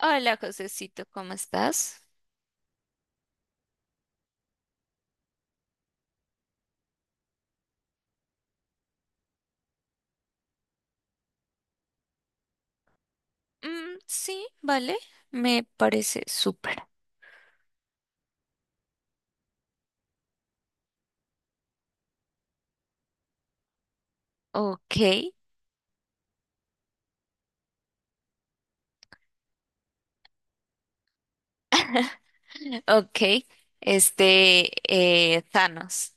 Hola, Josecito, ¿cómo estás? Mm, sí, vale, me parece súper. Ok. Ok, este, Thanos.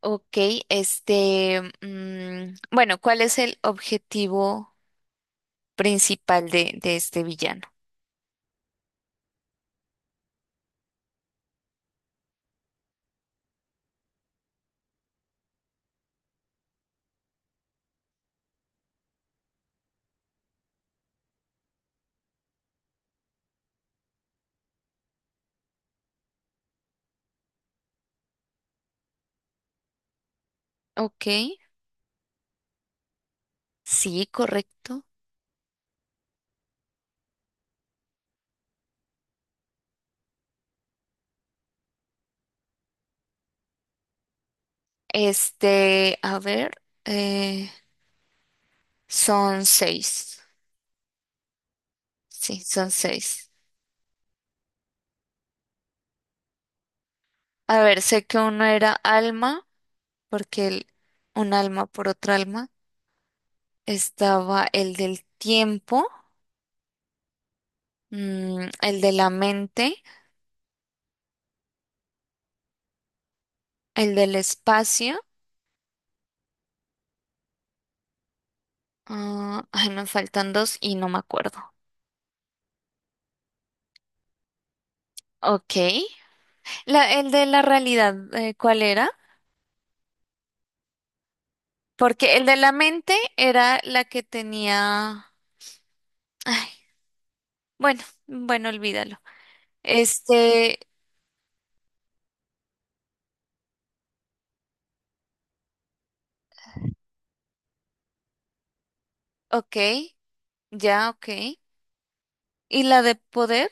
Ok, bueno, ¿cuál es el objetivo principal de este villano? Ok, sí, correcto. A ver, eh, son seis. Sí, son seis. A ver, sé que uno era Alma, porque un alma por otra alma, estaba el del tiempo, el de la mente, el del espacio. Ah, ay, me faltan dos y no me acuerdo. Ok. La, el de la realidad, ¿cuál era? Porque el de la mente era la que tenía... Ay, bueno, bueno, olvídalo. Este, ok, ya, ok. ¿Y la de poder?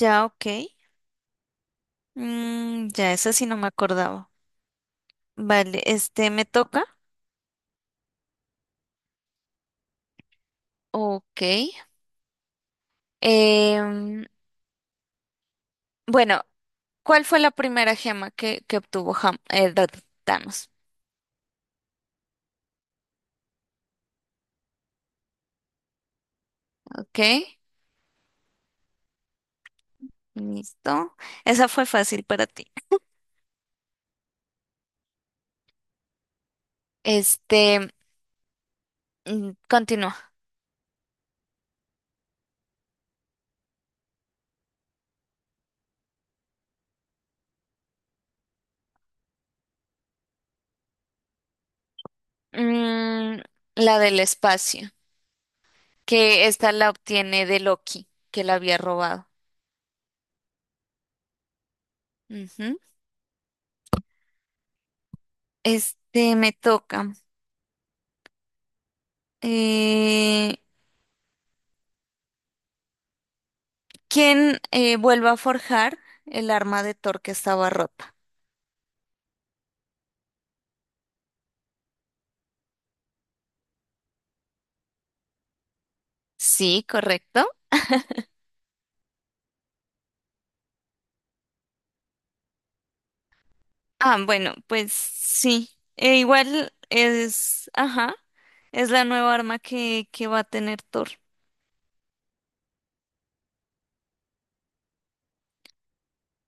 Ya, ok. Mm, ya, esa sí no me acordaba. Vale, este me toca. Ok. Em, bueno, ¿cuál fue la primera gema que obtuvo Thanos? Ok, listo. Esa fue fácil para ti. Este, continúa. Mm, la del espacio, que esta la obtiene de Loki, que la había robado. Ujú. Este me toca. Eh, ¿Quién vuelve a forjar el arma de Thor que estaba rota? Sí, correcto. Ah, bueno, pues sí. E igual es, ajá, es la nueva arma que va a tener Thor.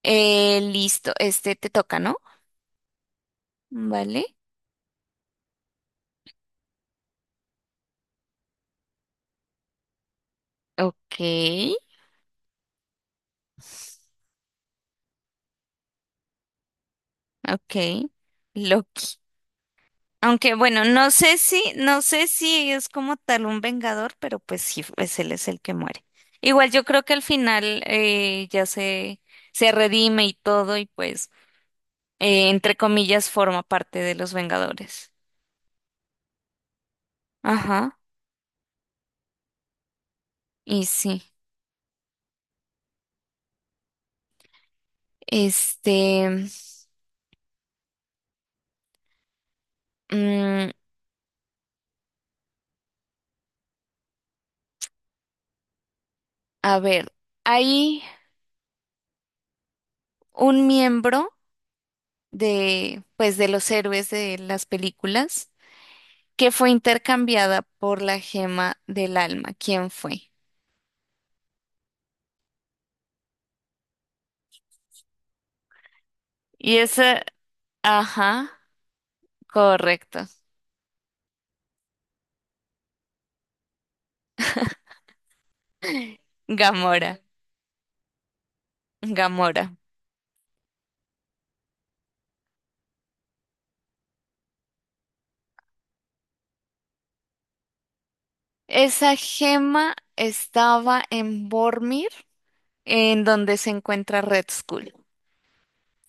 Listo, este te toca, ¿no? Vale. Ok, ok. Loki. Aunque bueno, no sé si, no sé si es como tal un vengador, pero pues sí, pues él es el que muere. Igual yo creo que al final ya se redime y todo, y pues, entre comillas, forma parte de los Vengadores. Ajá, y sí. Este, mm, a ver, hay un miembro de, pues, de los héroes de las películas que fue intercambiada por la gema del alma. ¿Quién fue? Y esa, ajá, correcto. Gamora, Gamora. Esa gema estaba en Vormir, en donde se encuentra Red Skull,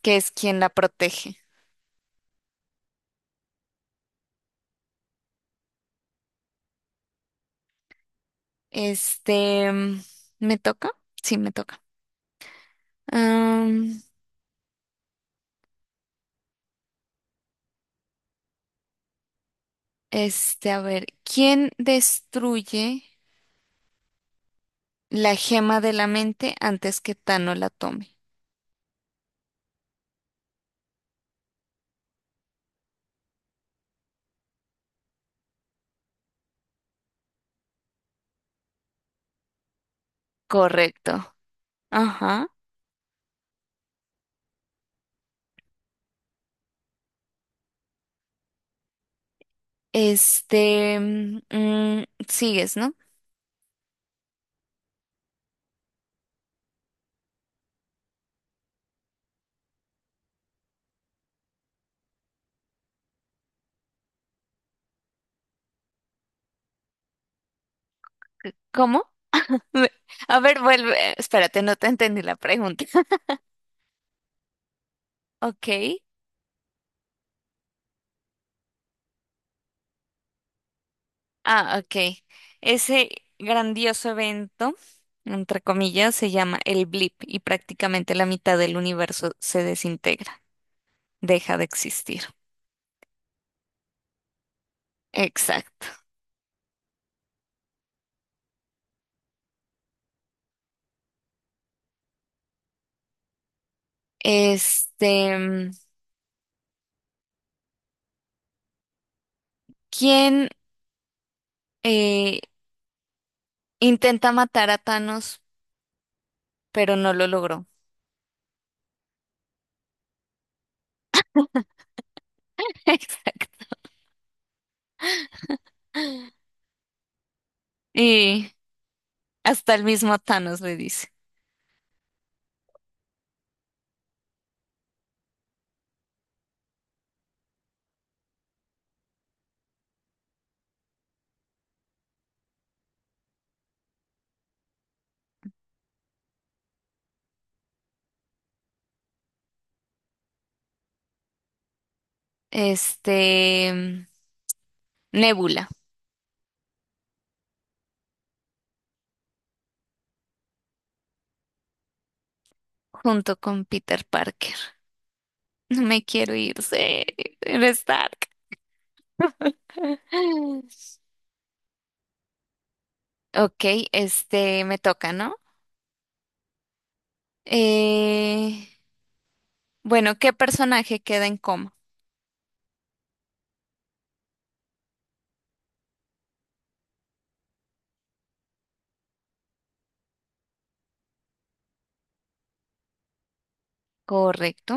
que es quien la protege. Este, mm, ¿Me toca? Sí, me toca. Am, a ver, ¿quién destruye la gema de la mente antes que Tano la tome? Correcto. Ajá. Sigues, ¿no? C- ¿Cómo? Me- A ver, vuelve. Espérate, no te entendí la pregunta. Ok. Ah, ok. Ese grandioso evento, entre comillas, se llama el blip, y prácticamente la mitad del universo se desintegra, deja de existir. Exacto. Este, mm, ¿Quién eh, intenta matar a Thanos, pero no lo logró? Exacto. Y hasta el mismo Thanos le dice. Este, mm, Nebula, junto con Peter Parker. No me quiero ir, sé, eres tarde. Ok, este me toca, ¿no? Eh, bueno, ¿qué personaje queda en coma? Correcto,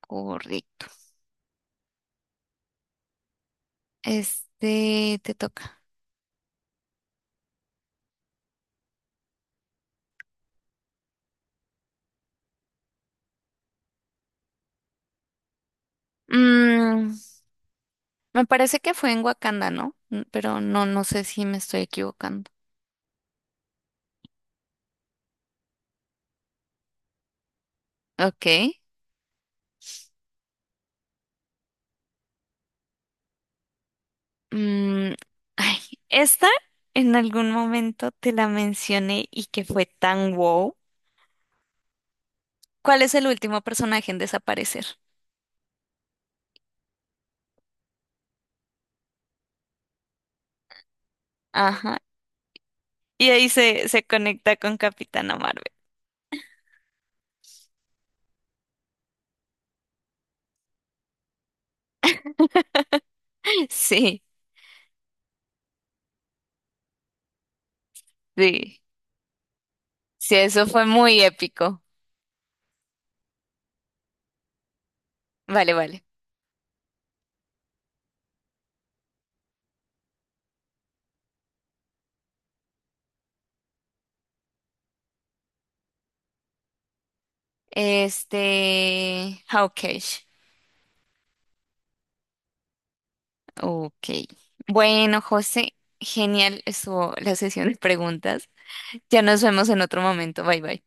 correcto. Este te toca. Mm, me parece que fue en Wakanda, ¿no? Mm, pero no, no sé si me estoy equivocando. Ok. Mm, ay, esta en algún momento te la mencioné y que fue tan wow. ¿Cuál es el último personaje en desaparecer? Ajá. Y ahí se, se conecta con Capitana Marvel. Sí, sí, sí, eso fue muy épico. Vale, vale. Este, Hawkeye. Ok. Ok. Bueno, José, genial estuvo la sesión de preguntas. Ya nos vemos en otro momento. Bye, bye.